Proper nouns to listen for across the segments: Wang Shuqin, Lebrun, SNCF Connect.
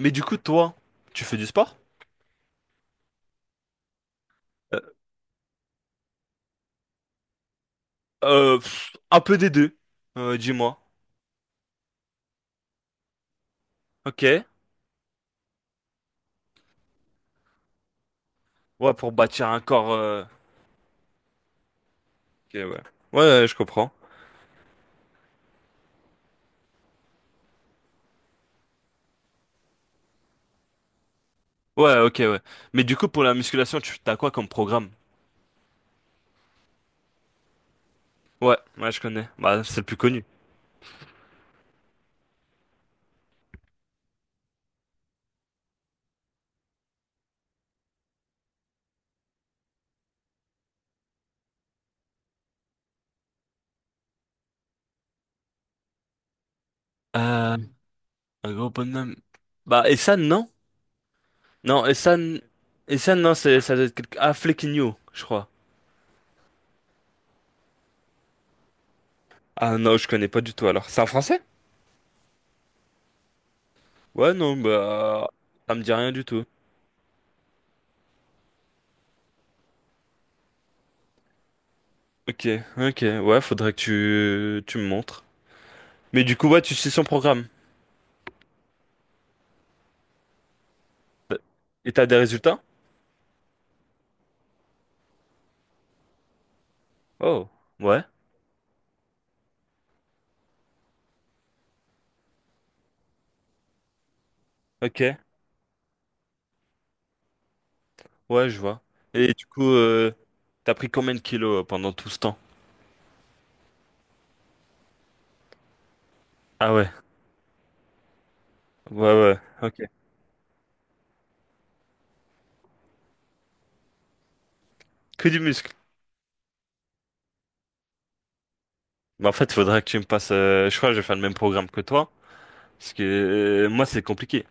Mais du coup, toi, tu fais du sport? Euh, un peu des deux, dis-moi. Ok. Ouais, pour bâtir un corps. Ok, ouais. Ouais, ouais, je comprends. Ouais, ok, ouais. Mais du coup, pour la musculation, tu t'as quoi comme programme? Ouais, ouais, je connais. Bah, c'est le plus connu. Euh, un gros bonhomme. Bah, Essan, non? Non, Essan. Essan, non, c'est, ça doit être quelque... Ah, Flequigno, je crois. Ah non, je connais pas du tout alors. C'est un français? Ouais, non, bah. Ça me dit rien du tout. Ok, ok, ouais, faudrait que tu me montres. Mais du coup, ouais, tu sais son programme. Et t'as des résultats? Oh, ouais, ok, ouais, je vois. Et du coup, t'as pris combien de kilos pendant tout ce temps? Ah ouais, ouais, ouais, ok. Que du muscle. Mais en fait, il faudrait que tu me passes. Je crois que je vais faire le même programme que toi. Parce que moi, c'est compliqué.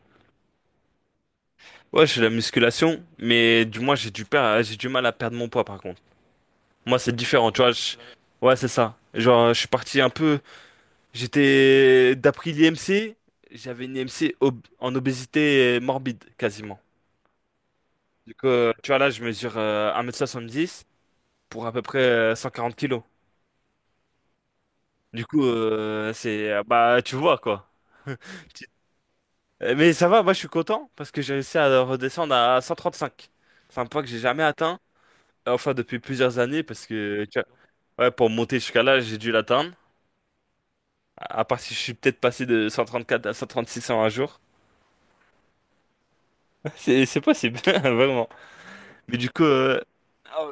Ouais, je fais la musculation, mais du moins, j'ai du mal à perdre mon poids par contre. Moi, c'est différent, tu vois. Ouais, c'est ça. Genre, je suis parti un peu. J'étais, d'après l'IMC, j'avais une IMC ob- en obésité morbide quasiment. Du coup, tu vois, là, je mesure 1,70 m pour à peu près 140 kilos. Du coup, c'est, bah, tu vois quoi. Tu- Mais ça va, moi je suis content parce que j'ai réussi à redescendre à 135. C'est un poids que j'ai jamais atteint, enfin depuis plusieurs années parce que, tu vois, ouais, pour monter jusqu'à là, j'ai dû l'atteindre. À part si je suis peut-être passé de 134 à 136 en un jour. C'est possible, vraiment. Mais du coup, ah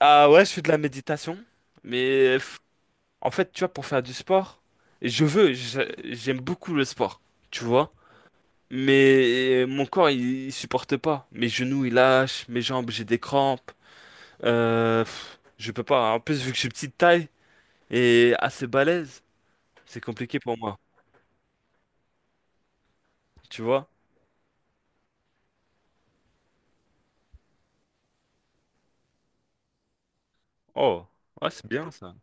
ah ouais, je fais de la méditation. Mais en fait, tu vois, pour faire du sport, je veux, je- j'aime beaucoup le sport, tu vois. Mais mon corps, il supporte pas. Mes genoux, ils lâchent. Mes jambes, j'ai des crampes. Je peux pas. En plus, vu que je suis petite taille et assez balèze, c'est compliqué pour moi, tu vois. Oh, ouais, c'est bien ça.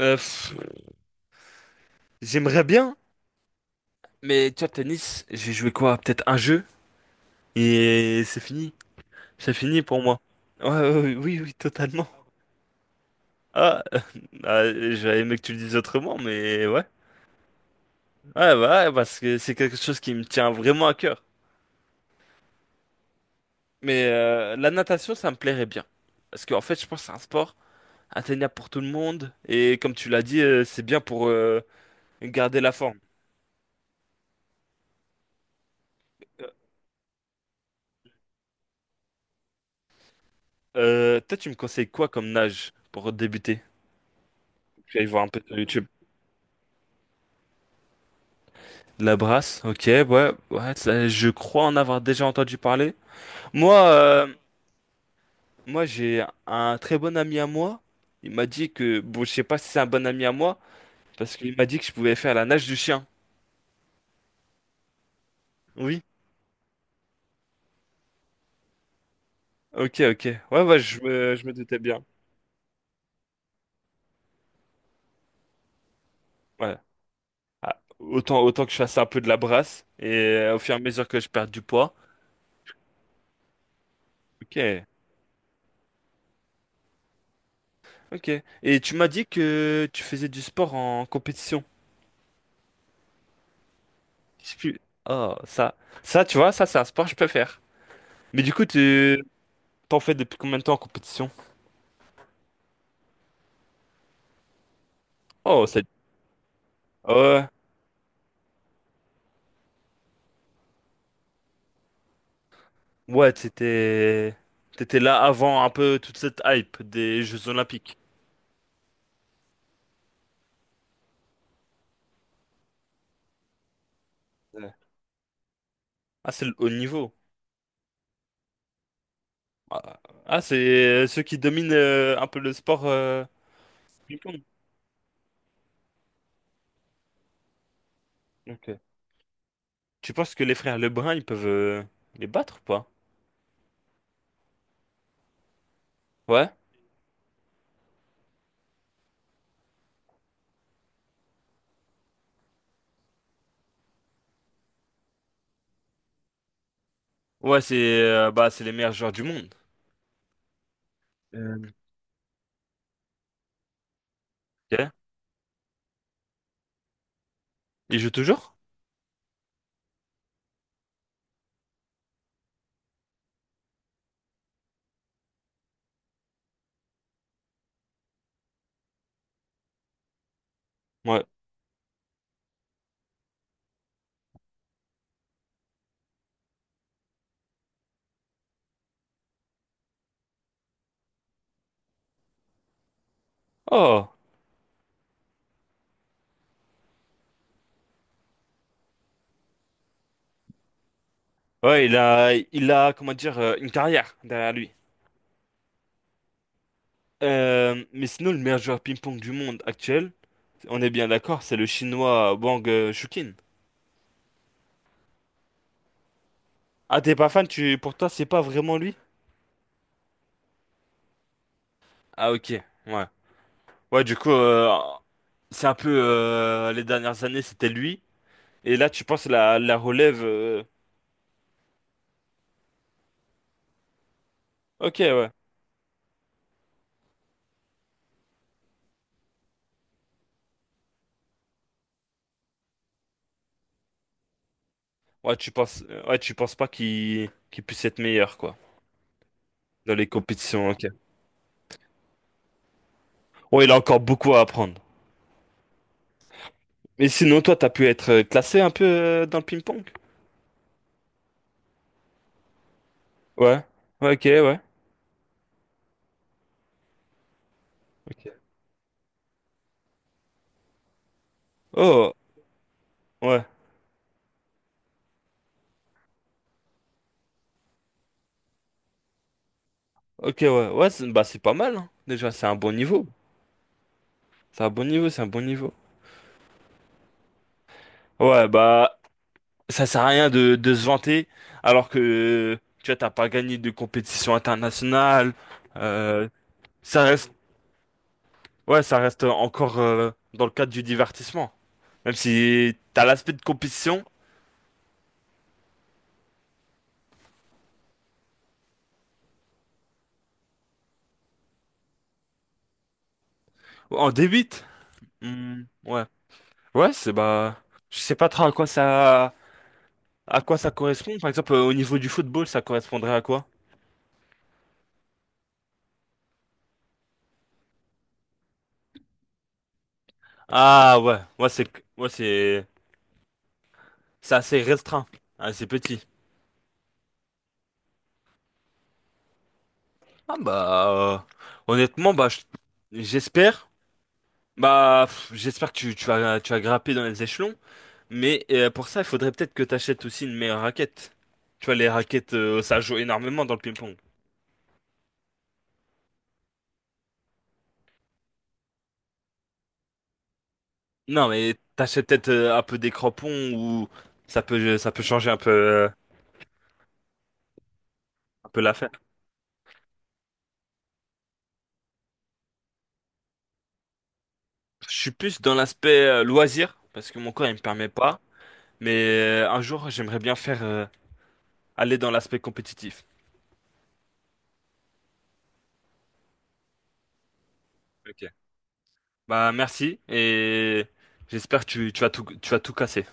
Euh, pff, J'aimerais bien, mais tu vois, tennis, j'ai joué quoi? Peut-être un jeu et c'est fini. C'est fini pour moi. Ouais, ouais, ouais, oui, oui, totalement. Ah, ah, j'aurais aimé que tu le dises autrement, mais ouais. Ouais, bah, ouais, parce que c'est quelque chose qui me tient vraiment à cœur. Mais la natation, ça me plairait bien. Parce qu'en fait, je pense que c'est un sport atteignable pour tout le monde. Et comme tu l'as dit, c'est bien pour garder la forme. Euh, Toi, tu me conseilles quoi comme nage pour débuter? Je vais aller voir un peu sur YouTube. La brasse, ok, ouais, ouais, ça, je crois en avoir déjà entendu parler. Moi, euh, Moi, j'ai un très bon ami à moi. Il m'a dit que, bon, je sais pas si c'est un bon ami à moi, parce qu'il m'a dit que je pouvais faire la nage du chien. Oui. Ok, ok. Ouais, ouais, je me doutais bien. Ouais. Ah, autant, autant que je fasse un peu de la brasse, et au fur et à mesure que je perds du poids. Ok, ok. Et tu m'as dit que tu faisais du sport en compétition. Je sais plus. Oh, ça. Ça, tu vois, ça, c'est un sport que je peux faire. Mais du coup, tu t'en fais depuis combien de temps en compétition? Oh, c'est... Ouais. Ouais, t'étais là avant un peu toute cette hype des Jeux Olympiques. Ouais. Ah, c'est le haut niveau. Ah, ah, c'est ceux qui dominent un peu le sport ping-pong. Ok. Tu penses que les frères Lebrun, ils peuvent les battre ou pas? Ouais. Ouais, c'est bah c'est les meilleurs joueurs du monde. Euh, ok. Il joue toujours? Ouais. Oh. Ouais, il a comment dire une carrière derrière lui. Mais sinon, le meilleur joueur ping-pong du monde actuel, on est bien d'accord, c'est le chinois Wang Shuqin. Ah, t'es pas fan, tu... pour toi, c'est pas vraiment lui? Ah, ok, ouais. Ouais, du coup, c'est un peu les dernières années, c'était lui. Et là, tu penses la relève. Ok, ouais. Ouais, tu penses pas qu'il puisse être meilleur, quoi, dans les compétitions, ok. Ouais, il a encore beaucoup à apprendre. Mais sinon, toi, t'as pu être classé un peu dans le ping-pong? Ouais. Ouais, ok, ouais. Ok. Oh, ouais. Ok, ouais, ouais, c'est bah, c'est pas mal, hein. Déjà, c'est un bon niveau. C'est un bon niveau, c'est un bon niveau. Ouais, bah, ça sert à rien de se vanter, alors que, tu vois, t'as pas gagné de compétition internationale. Euh, Ça reste, ouais, ça reste encore dans le cadre du divertissement. Même si t'as l'aspect de compétition, en débite. Hmm, ouais. Ouais, c'est bah, je sais pas trop à quoi ça correspond. Par exemple, au niveau du football, ça correspondrait à quoi? Ah ouais, ouais c'est c'est assez restreint, assez petit. Ah bah honnêtement j'espère j'espère que tu, tu vas grimper dans les échelons, mais pour ça il faudrait peut-être que tu achètes aussi une meilleure raquette. Tu vois les raquettes ça joue énormément dans le ping-pong. Non mais t'achètes peut-être un peu des crampons ou ça peut changer un peu l'affaire. Je suis plus dans l'aspect loisir parce que mon corps il me permet pas, mais un jour j'aimerais bien faire aller dans l'aspect compétitif. Ok. Bah merci et j'espère que tu, tu vas tout casser.